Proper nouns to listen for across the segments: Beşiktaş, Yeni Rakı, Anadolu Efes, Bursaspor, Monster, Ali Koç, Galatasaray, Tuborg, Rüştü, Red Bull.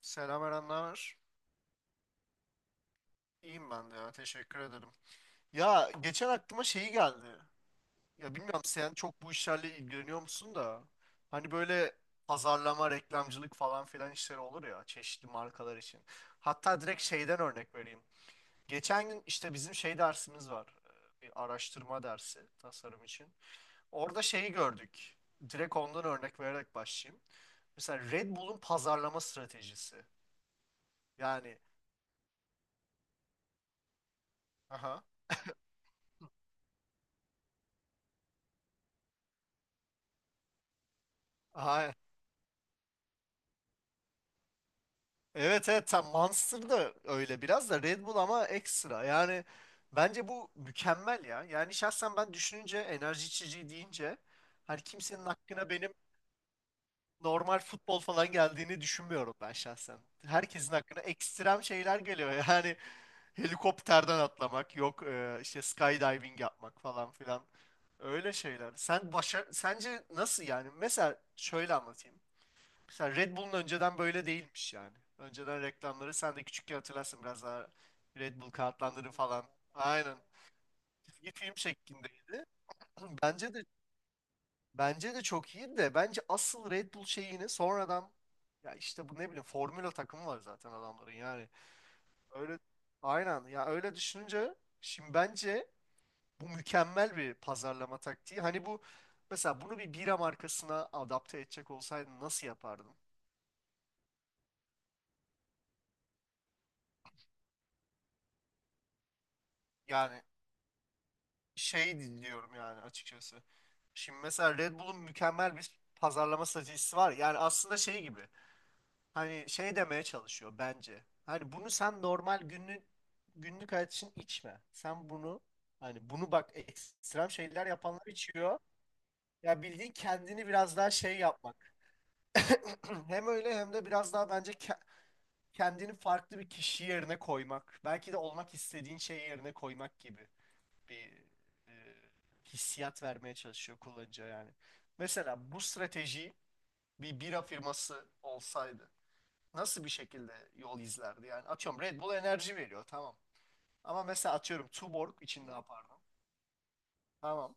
Selam Eren, ne haber? İyiyim ben de ya, teşekkür ederim. Ya geçen aklıma şeyi geldi. Ya bilmiyorum sen çok bu işlerle ilgileniyor musun da. Hani böyle pazarlama, reklamcılık falan filan işleri olur ya çeşitli markalar için. Hatta direkt şeyden örnek vereyim. Geçen gün işte bizim şey dersimiz var. Bir araştırma dersi tasarım için. Orada şeyi gördük. Direkt ondan örnek vererek başlayayım. Mesela Red Bull'un pazarlama stratejisi. Yani. Aha. Aynen. Evet evet tam Monster da öyle biraz da Red Bull ama ekstra. Yani bence bu mükemmel ya. Yani şahsen ben düşününce enerji içeceği deyince hani kimsenin hakkına benim normal futbol falan geldiğini düşünmüyorum ben şahsen. Herkesin hakkına ekstrem şeyler geliyor. Yani helikopterden atlamak yok işte skydiving yapmak falan filan. Öyle şeyler. Sen başa sence nasıl yani? Mesela şöyle anlatayım. Mesela Red Bull'un önceden böyle değilmiş yani. Önceden reklamları sen de küçükken hatırlarsın biraz daha Red Bull kağıtlandırı falan. Aynen. Çizgi film şeklindeydi. Bence de çok iyi de bence asıl Red Bull şeyini sonradan ya işte bu ne bileyim Formula takımı var zaten adamların yani. Öyle aynen ya öyle düşününce şimdi bence bu mükemmel bir pazarlama taktiği. Hani bu mesela bunu bir bira markasına adapte edecek olsaydın nasıl yapardın? Yani şey dinliyorum yani açıkçası. Şimdi mesela Red Bull'un mükemmel bir pazarlama stratejisi var. Yani aslında şey gibi. Hani şey demeye çalışıyor bence. Hani bunu sen normal günlük hayat için içme. Sen bunu hani bunu bak ekstrem şeyler yapanlar içiyor. Ya bildiğin kendini biraz daha şey yapmak. Hem öyle hem de biraz daha bence kendini farklı bir kişi yerine koymak. Belki de olmak istediğin şey yerine koymak gibi bir e, hissiyat vermeye çalışıyor kullanıcıya yani. Mesela bu strateji bir bira firması olsaydı nasıl bir şekilde yol izlerdi? Yani atıyorum Red Bull enerji veriyor tamam. Ama mesela atıyorum Tuborg için ne yapardın? Tamam.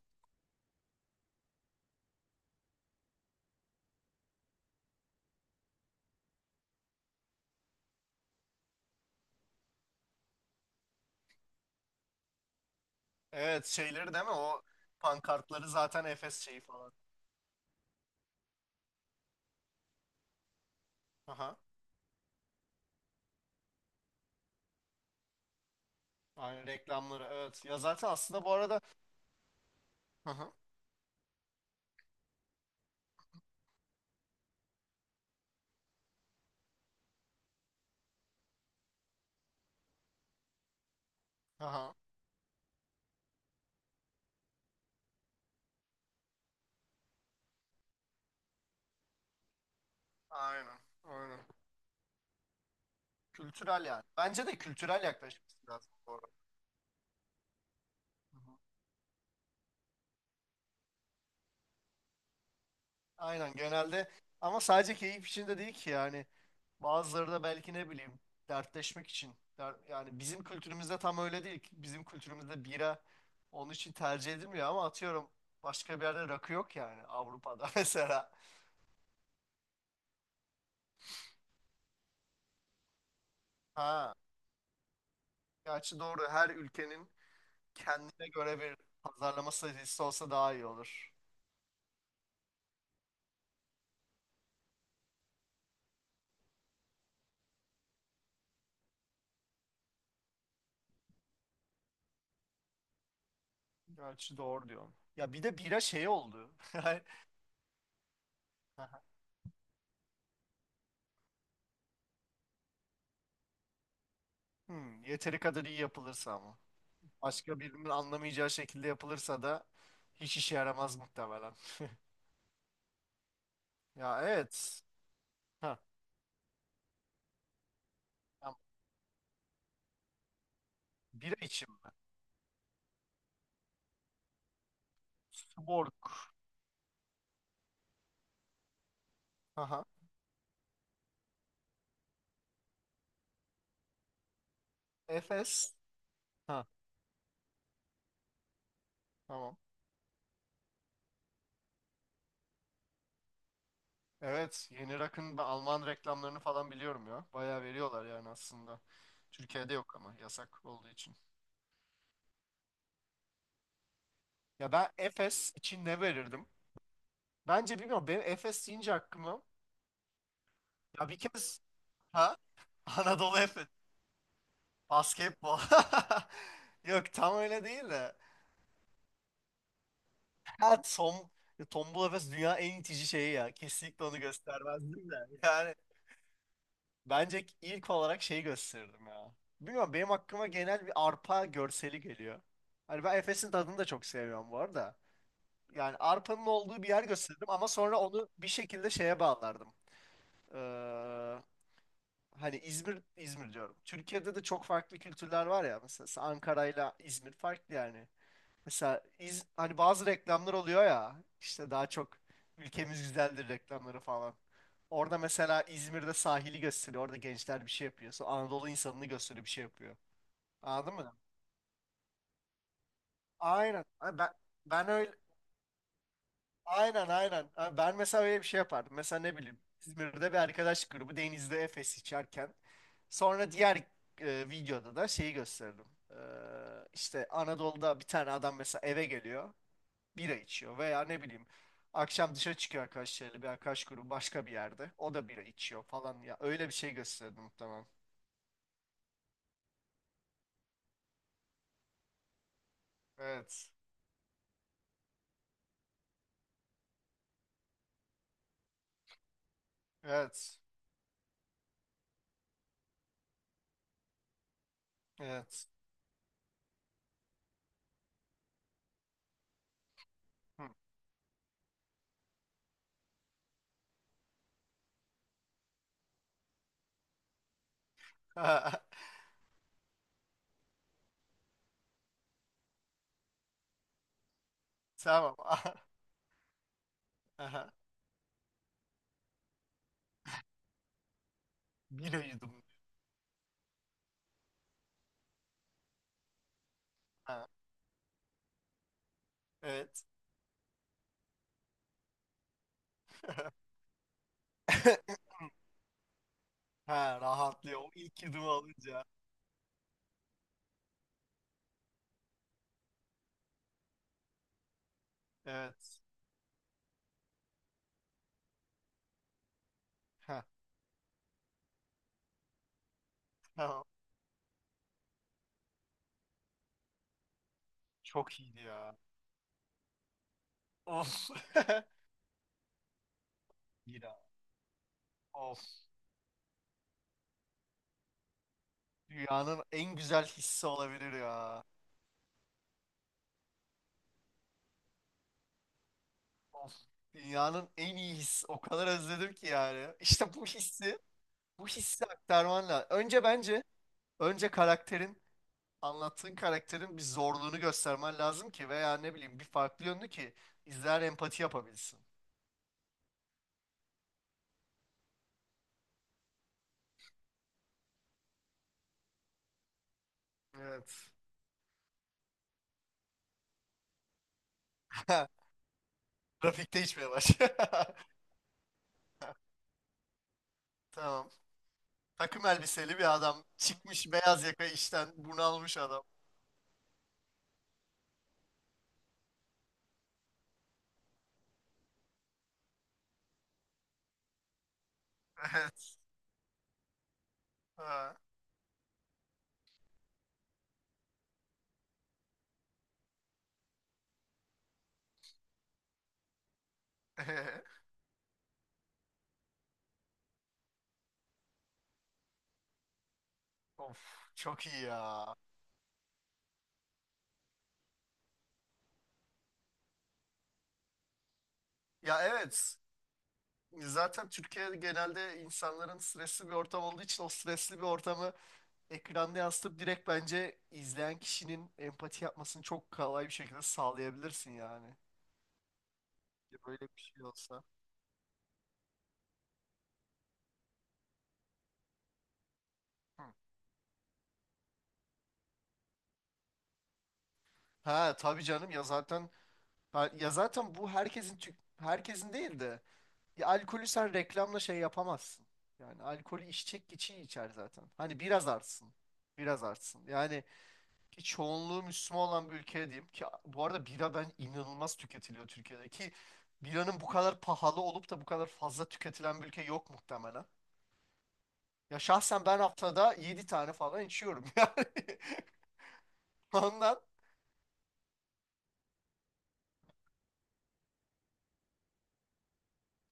Evet şeyleri değil mi? O pankartları zaten Efes şeyi falan. Aha. Aynen reklamları evet. Ya zaten aslında bu arada hı hı. Aha. Aynen. Aynen. Kültürel yani. Bence de kültürel yaklaşması lazım bu arada. Hı hı. Aynen genelde ama sadece keyif için de değil ki yani bazıları da belki ne bileyim dertleşmek için yani bizim kültürümüzde tam öyle değil ki. Bizim kültürümüzde bira onun için tercih edilmiyor ama atıyorum başka bir yerde rakı yok yani Avrupa'da mesela ha gerçi doğru her ülkenin kendine göre bir pazarlama stratejisi olsa daha iyi olur gerçi doğru diyorsun ya bir de bira şey oldu yani, yeteri kadar iyi yapılırsa ama. Başka birinin anlamayacağı şekilde yapılırsa da hiç işe yaramaz muhtemelen. Ya evet. Ha, tamam. Bira için mi? Tuborg. Aha. Efes. Ha, tamam. Evet, Yeni Rakın ve Alman reklamlarını falan biliyorum ya. Bayağı veriyorlar yani aslında. Türkiye'de yok ama yasak olduğu için. Ya ben Efes için ne verirdim? Bence bilmiyorum. Benim Efes deyince aklıma ya bir kez ha Anadolu Efes basketbol. Yok tam öyle değil de. Ha Tom, Tombul Efes dünya en itici şeyi ya. Kesinlikle onu göstermezdim de. Yani bence ilk olarak şeyi gösterirdim ya. Bilmiyorum benim aklıma genel bir arpa görseli geliyor. Hani ben Efes'in tadını da çok seviyorum bu arada. Yani arpanın olduğu bir yer gösterdim ama sonra onu bir şekilde şeye bağlardım. Ee, hani İzmir, İzmir diyorum. Türkiye'de de çok farklı kültürler var ya. Mesela Ankara'yla İzmir farklı yani. Mesela hani bazı reklamlar oluyor ya işte daha çok ülkemiz güzeldir reklamları falan. Orada mesela İzmir'de sahili gösteriyor. Orada gençler bir şey yapıyor. Sonra Anadolu insanını gösteriyor bir şey yapıyor. Anladın mı? Aynen. Ben öyle aynen aynen. Ha, ben mesela öyle bir şey yapardım. Mesela ne bileyim İzmir'de bir arkadaş grubu denizde Efes içerken sonra diğer videoda da şeyi gösterdim. Ee, işte Anadolu'da bir tane adam mesela eve geliyor. Bira içiyor veya ne bileyim akşam dışarı çıkıyor arkadaşlarıyla bir arkadaş grubu başka bir yerde o da bira içiyor falan ya öyle bir şey gösterdi muhtemelen. Evet. Evet. Evet. Hı. Tamam. Aha. Bira yudum. Ha. Evet. Ha, rahatlıyor. O ilk yudumu alınca. Evet. Ha, tamam. Çok iyiydi ya. Of. Bira. Of. Dünyanın en güzel hissi olabilir ya. Of. Dünyanın en iyi hissi. O kadar özledim ki yani. İşte bu hissi, bu hissi aktarman lazım. Önce bence, önce karakterin, anlattığın karakterin bir zorluğunu göstermen lazım ki veya ne bileyim bir farklı yönünü ki izler empati yapabilsin. Evet. Trafikte içmeye baş. Tamam. Takım elbiseli bir adam. Çıkmış beyaz yaka işten bunalmış adam. Evet. Ha. Of, çok iyi ya. Ya evet. Zaten Türkiye'de genelde insanların stresli bir ortam olduğu için o stresli bir ortamı ekranda yansıtıp direkt bence izleyen kişinin empati yapmasını çok kolay bir şekilde sağlayabilirsin yani. Ya böyle bir şey olsa. Hı. Ha tabii canım ya zaten ha, ya zaten bu herkesin herkesin değil de ya alkolü sen reklamla şey yapamazsın. Yani alkolü içecek kişi içer zaten. Hani biraz artsın. Biraz artsın. Yani ki çoğunluğu Müslüman olan bir ülke diyeyim ki bu arada bira ben inanılmaz tüketiliyor Türkiye'de ki biranın bu kadar pahalı olup da bu kadar fazla tüketilen bir ülke yok muhtemelen. Ya şahsen ben haftada 7 tane falan içiyorum yani. Ondan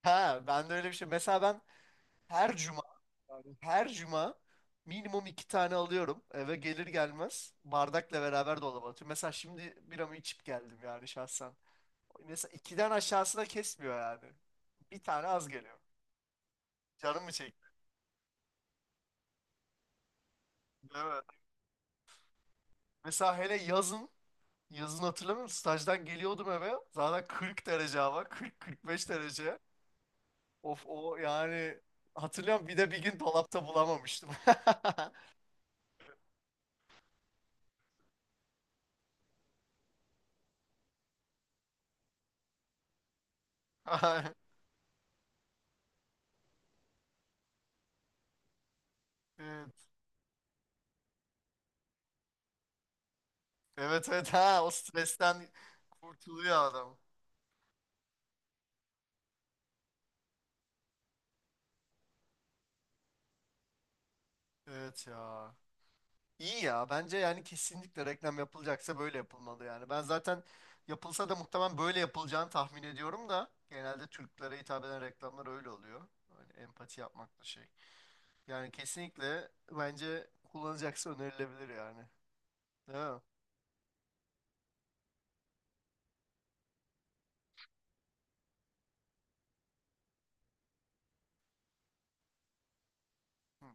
ha ben de öyle bir şey. Mesela ben her cuma yani her cuma minimum iki tane alıyorum. Eve gelir gelmez bardakla beraber dolaba atıyorum. Mesela şimdi biramı içip geldim yani şahsen. Mesela ikiden aşağısına kesmiyor yani. Bir tane az geliyor. Canım mı çekti? Evet. Mesela hele yazın, yazın hatırlamıyorum stajdan geliyordum eve zaten 40 derece hava 40-45 derece. Of o yani hatırlıyorum bir de bir gün dolapta bulamamıştım. Ay, evet evet evet ha o stresten kurtuluyor adam. Evet ya. İyi ya bence yani kesinlikle reklam yapılacaksa böyle yapılmalı yani. Ben zaten yapılsa da muhtemelen böyle yapılacağını tahmin ediyorum da genelde Türklere hitap eden reklamlar öyle oluyor. Hani empati yapmak da şey. Yani kesinlikle bence kullanacaksa önerilebilir yani. Değil mi? Hı.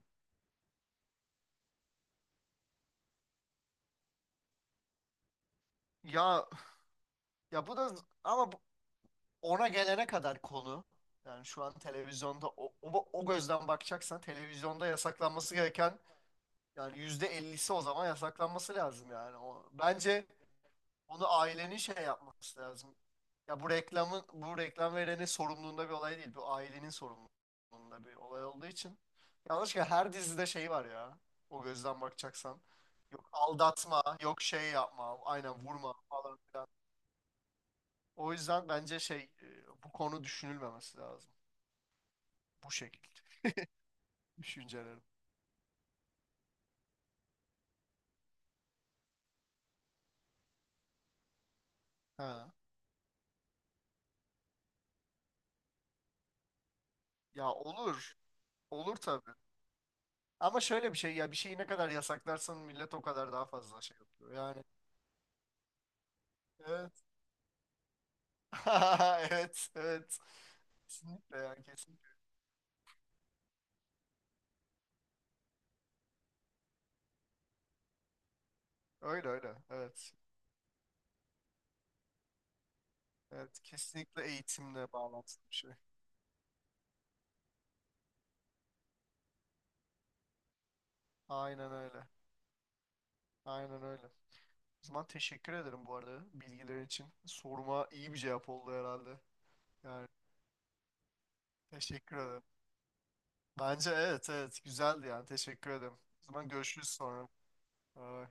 Ya ya bu da ama ona gelene kadar konu. Yani şu an televizyonda o gözden bakacaksan televizyonda yasaklanması gereken yani %50'si o zaman yasaklanması lazım yani. O, bence onu ailenin şey yapması lazım. Ya bu reklam verenin sorumluluğunda bir olay değil. Bu ailenin sorumluluğunda bir olay olduğu için. Yanlışlıkla her dizide şey var ya. O gözden bakacaksan. Yok aldatma, yok şey yapma, aynen vurma falan filan. O yüzden bence şey bu konu düşünülmemesi lazım. Bu şekilde düşüncelerim. Ha. Ya olur. Olur tabii. Ama şöyle bir şey ya bir şeyi ne kadar yasaklarsan millet o kadar daha fazla şey yapıyor. Yani evet. Evet, evet. Kesinlikle ya kesin. Öyle öyle. Evet. Evet. Kesinlikle eğitimle bağlantılı bir şey. Aynen öyle. Aynen öyle. O zaman teşekkür ederim bu arada bilgiler için. Soruma iyi bir cevap oldu herhalde. Yani teşekkür ederim. Bence evet evet güzeldi yani teşekkür ederim. O zaman görüşürüz sonra. Bye.